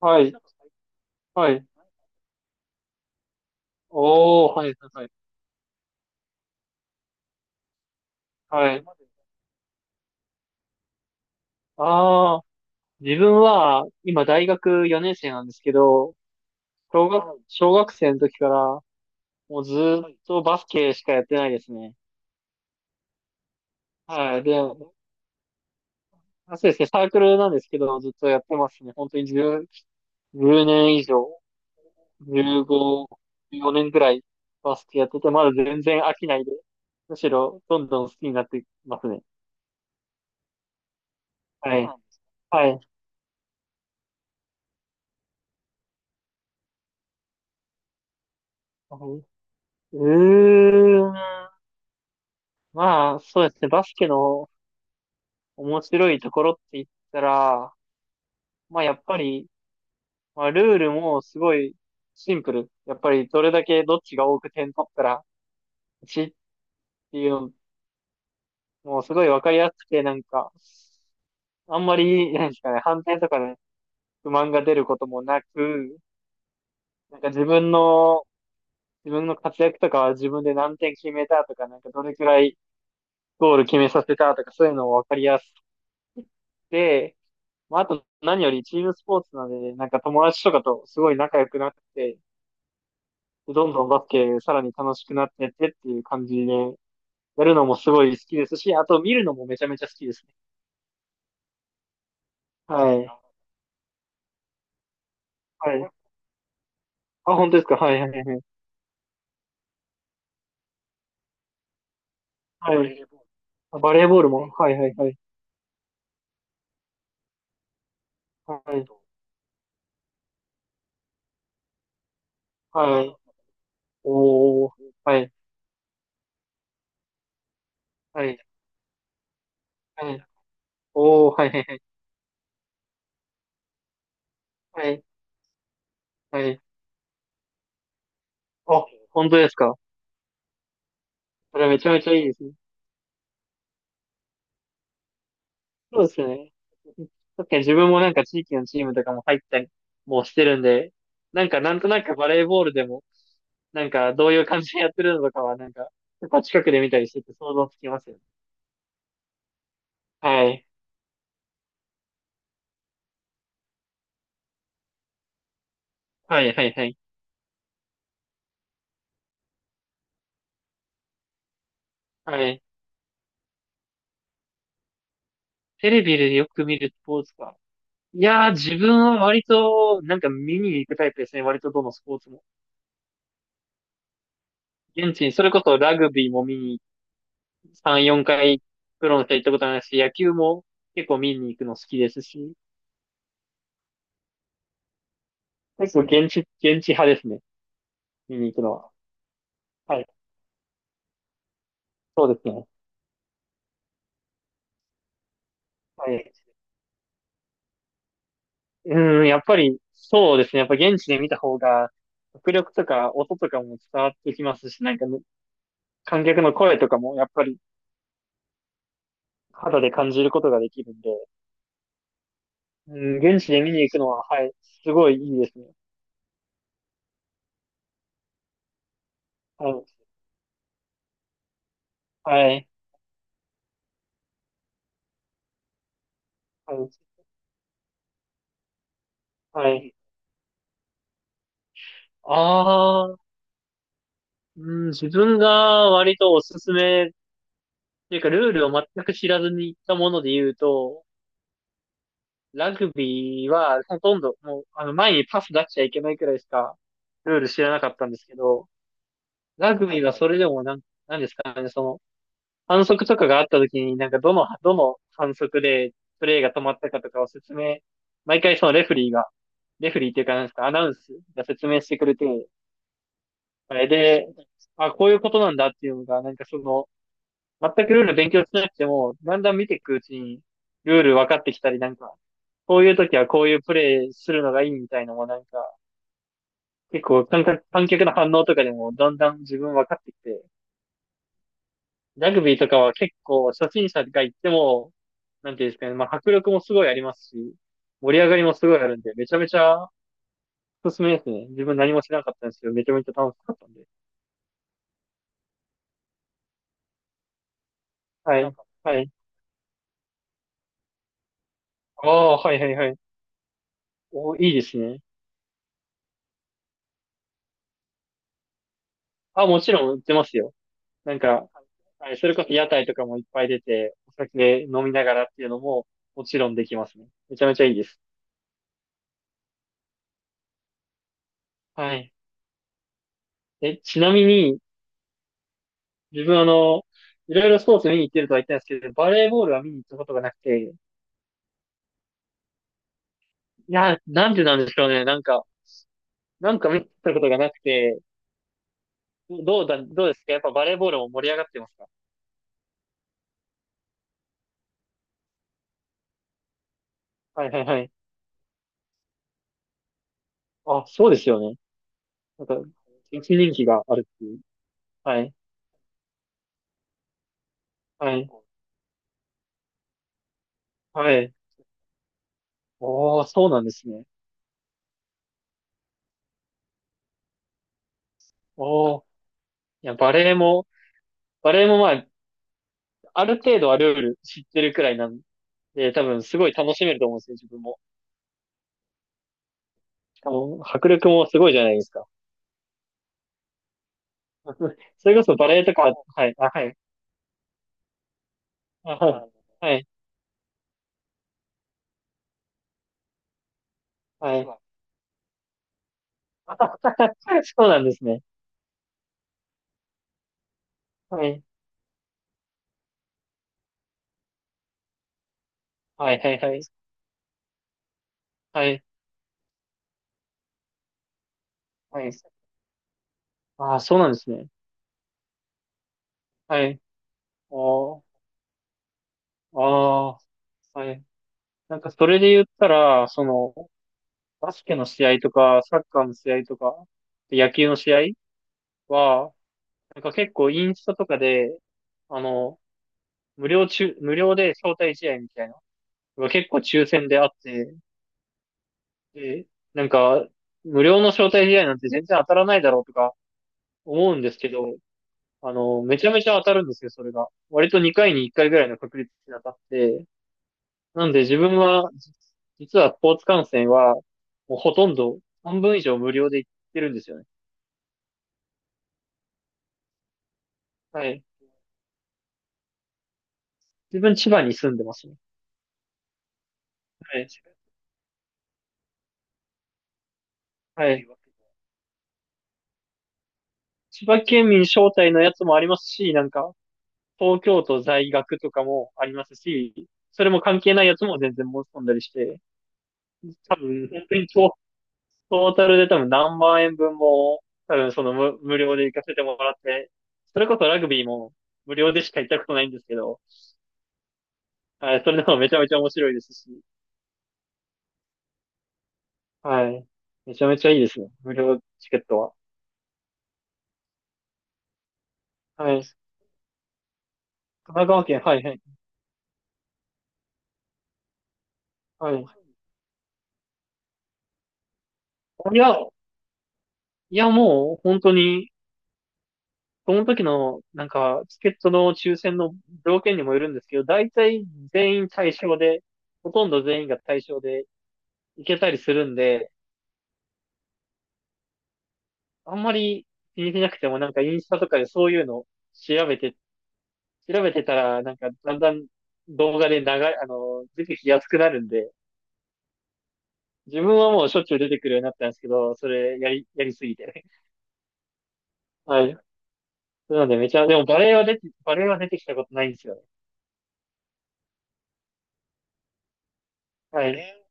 はい。はい。おー、はい、はい。はい。ああ、自分は、今大学4年生なんですけど、小学生の時から、もうずーっとバスケしかやってないですね。はい。で、あ、そうですね、サークルなんですけど、ずっとやってますね。本当に10、年以上、15、4年くらいバスケやってて、まだ全然飽きないで、むしろどんどん好きになってますね。はい。はい。うーん。まあ、そうですね。バスケの面白いところって言ったら、まあ、やっぱり、まあ、ルールもすごいシンプル。やっぱり、どれだけどっちが多く点取ったら、勝ちっていうのもすごいわかりやすくて、なんか、あんまり、なんですかね、反転とかね、不満が出ることもなく、なんか自分の活躍とかは自分で何点決めたとか、なんかどれくらいゴール決めさせたとか、そういうのもわかりやすくて、まあ、あと何よりチームスポーツなので、なんか友達とかとすごい仲良くなって、どんどんバスケさらに楽しくなってってっていう感じで、やるのもすごい好きですし、あと見るのもめちゃめちゃ好きですね。はい。はい。あ、本当ですか？はいはいはいはい。はい。あ、バレーボールも。はいはいはい。はい。はい。おー。はい。はい。はい。おー。はいはいはい。はい。はい。あ、本当ですか？それめちゃめちゃいいですね。そうですよね。確かに自分もなんか地域のチームとかも入ったりもしてるんで、なんかなんとなくバレーボールでも、なんかどういう感じでやってるのとかはなんか、やっぱ近くで見たりしてて想像つきますよね。はい。はい、はい、はい。はい。テレビでよく見るスポーツか。いやー、自分は割と、なんか見に行くタイプですね。割とどのスポーツも。現地に、それこそラグビーも見に3、4回プロの人行ったことないし、野球も結構見に行くの好きですし、結構現地派ですね。見に行くのは。はい。そうですね。はい。うーん、やっぱり、そうですね。やっぱ現地で見た方が、迫力とか音とかも伝わってきますし、なんかね、観客の声とかもやっぱり肌で感じることができるんで、うん、現地で見に行くのは、はい、すごいいいですね。はい、はい、はい、はい。ああ、うん、自分が割とおすすめっていうか、ルールを全く知らずに行ったもので言うと、ラグビーは、ほとんど、もう、前にパス出しちゃいけないくらいしか、ルール知らなかったんですけど、ラグビーはそれでもなんですかね、その、反則とかがあった時に、なんかどの反則でプレーが止まったかとかを説明、毎回そのレフェリーが、レフェリーっていうか、なんですか、アナウンスが説明してくれて、あれで、あ、こういうことなんだっていうのが、なんかその、全くルール勉強しなくても、だんだん見ていくうちに、ルール分かってきたり、なんか、こういう時はこういうプレイするのがいいみたいのもなんか、結構観客の反応とかでもだんだん自分分かってきて、ラグビーとかは結構初心者が行っても、なんていうんですかね、まあ迫力もすごいありますし、盛り上がりもすごいあるんで、めちゃめちゃおすすめですね。自分何もしなかったんですけど、めちゃめちゃ楽しかったんで。はい。はい。ああ、はいはいはい。お、いいですね。あ、もちろん売ってますよ。なんか、はい、それこそ屋台とかもいっぱい出て、お酒飲みながらっていうのももちろんできますね。めちゃめちゃいいです。はい。え、ちなみに、自分いろいろスポーツ見に行ってるとは言ったんですけど、バレーボールは見に行ったことがなくて、いや、なんでなんでしょうね。なんか見に行ったことがなくて、どうですかやっぱバレーボールも盛り上がってますか？はいはいはい。あ、そうですよね。なんか、一人気があるっていう。はい。はい。はい。おー、そうなんですね。おー。いや、バレーもバレエもまあ、ある程度はルール知ってるくらいなんで、多分すごい楽しめると思うんですよ、自分も。しかも、迫力もすごいじゃないですか。それこそバレエとか、はい、あ、はい、あ、はい、はい、はい。そうなんですね。はい、はい、はい、はい、はい、はい。ああ、そうなんですね。はい。おー、ああ、はい。なんかそれで言ったら、その、バスケの試合とか、サッカーの試合とか、野球の試合は、なんか結構インスタとかで、あの、無料で招待試合みたいなのが結構抽選であって、で、なんか、無料の招待試合なんて全然当たらないだろうとか思うんですけど、めちゃめちゃ当たるんですよ、それが。割と2回に1回ぐらいの確率で当たって、なんで自分は、実はスポーツ観戦は、もうほとんど半分以上無料で行ってるんですよね。はい。自分千葉に住んでますね。はい。はい。千葉県民招待のやつもありますし、なんか、東京都在学とかもありますし、それも関係ないやつも全然申し込んだりして、多分、本当にトータルで多分何万円分も、多分その無料で行かせてもらって、それこそラグビーも無料でしか行ったことないんですけど、はい、それでもめちゃめちゃ面白いですし、はい。めちゃめちゃいいですね。無料チケットは。はい。神奈川県、はい、はい。はい。いや、もう本当に、その時の、なんか、チケットの抽選の条件にもよるんですけど、大体全員対象で、ほとんど全員が対象で行けたりするんで、あんまり気にしなくても、なんかインスタとかでそういうの調べて、調べてたら、なんかだんだん動画で流れ、あの、出てきやすくなるんで、自分はもうしょっちゅう出てくるようになったんですけど、それやりすぎてね。はい。なのでめちゃ、でもバレエは出てきたことないんですよね。はい。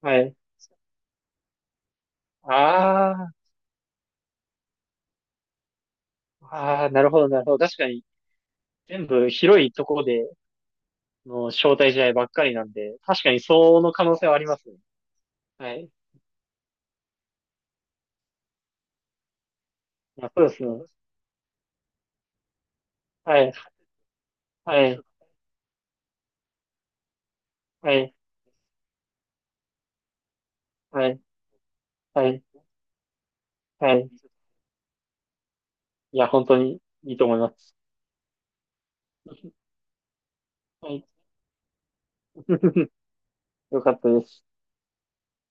はい。ああ、ああ、なるほど、なるほど。確かに。全部広いところでの招待試合ばっかりなんで、確かにその可能性はありますね。はい。まあ、そうですね。はい、はい、はい、はい、はい、はい。いや、本当にいいと思います。はい。よかったです。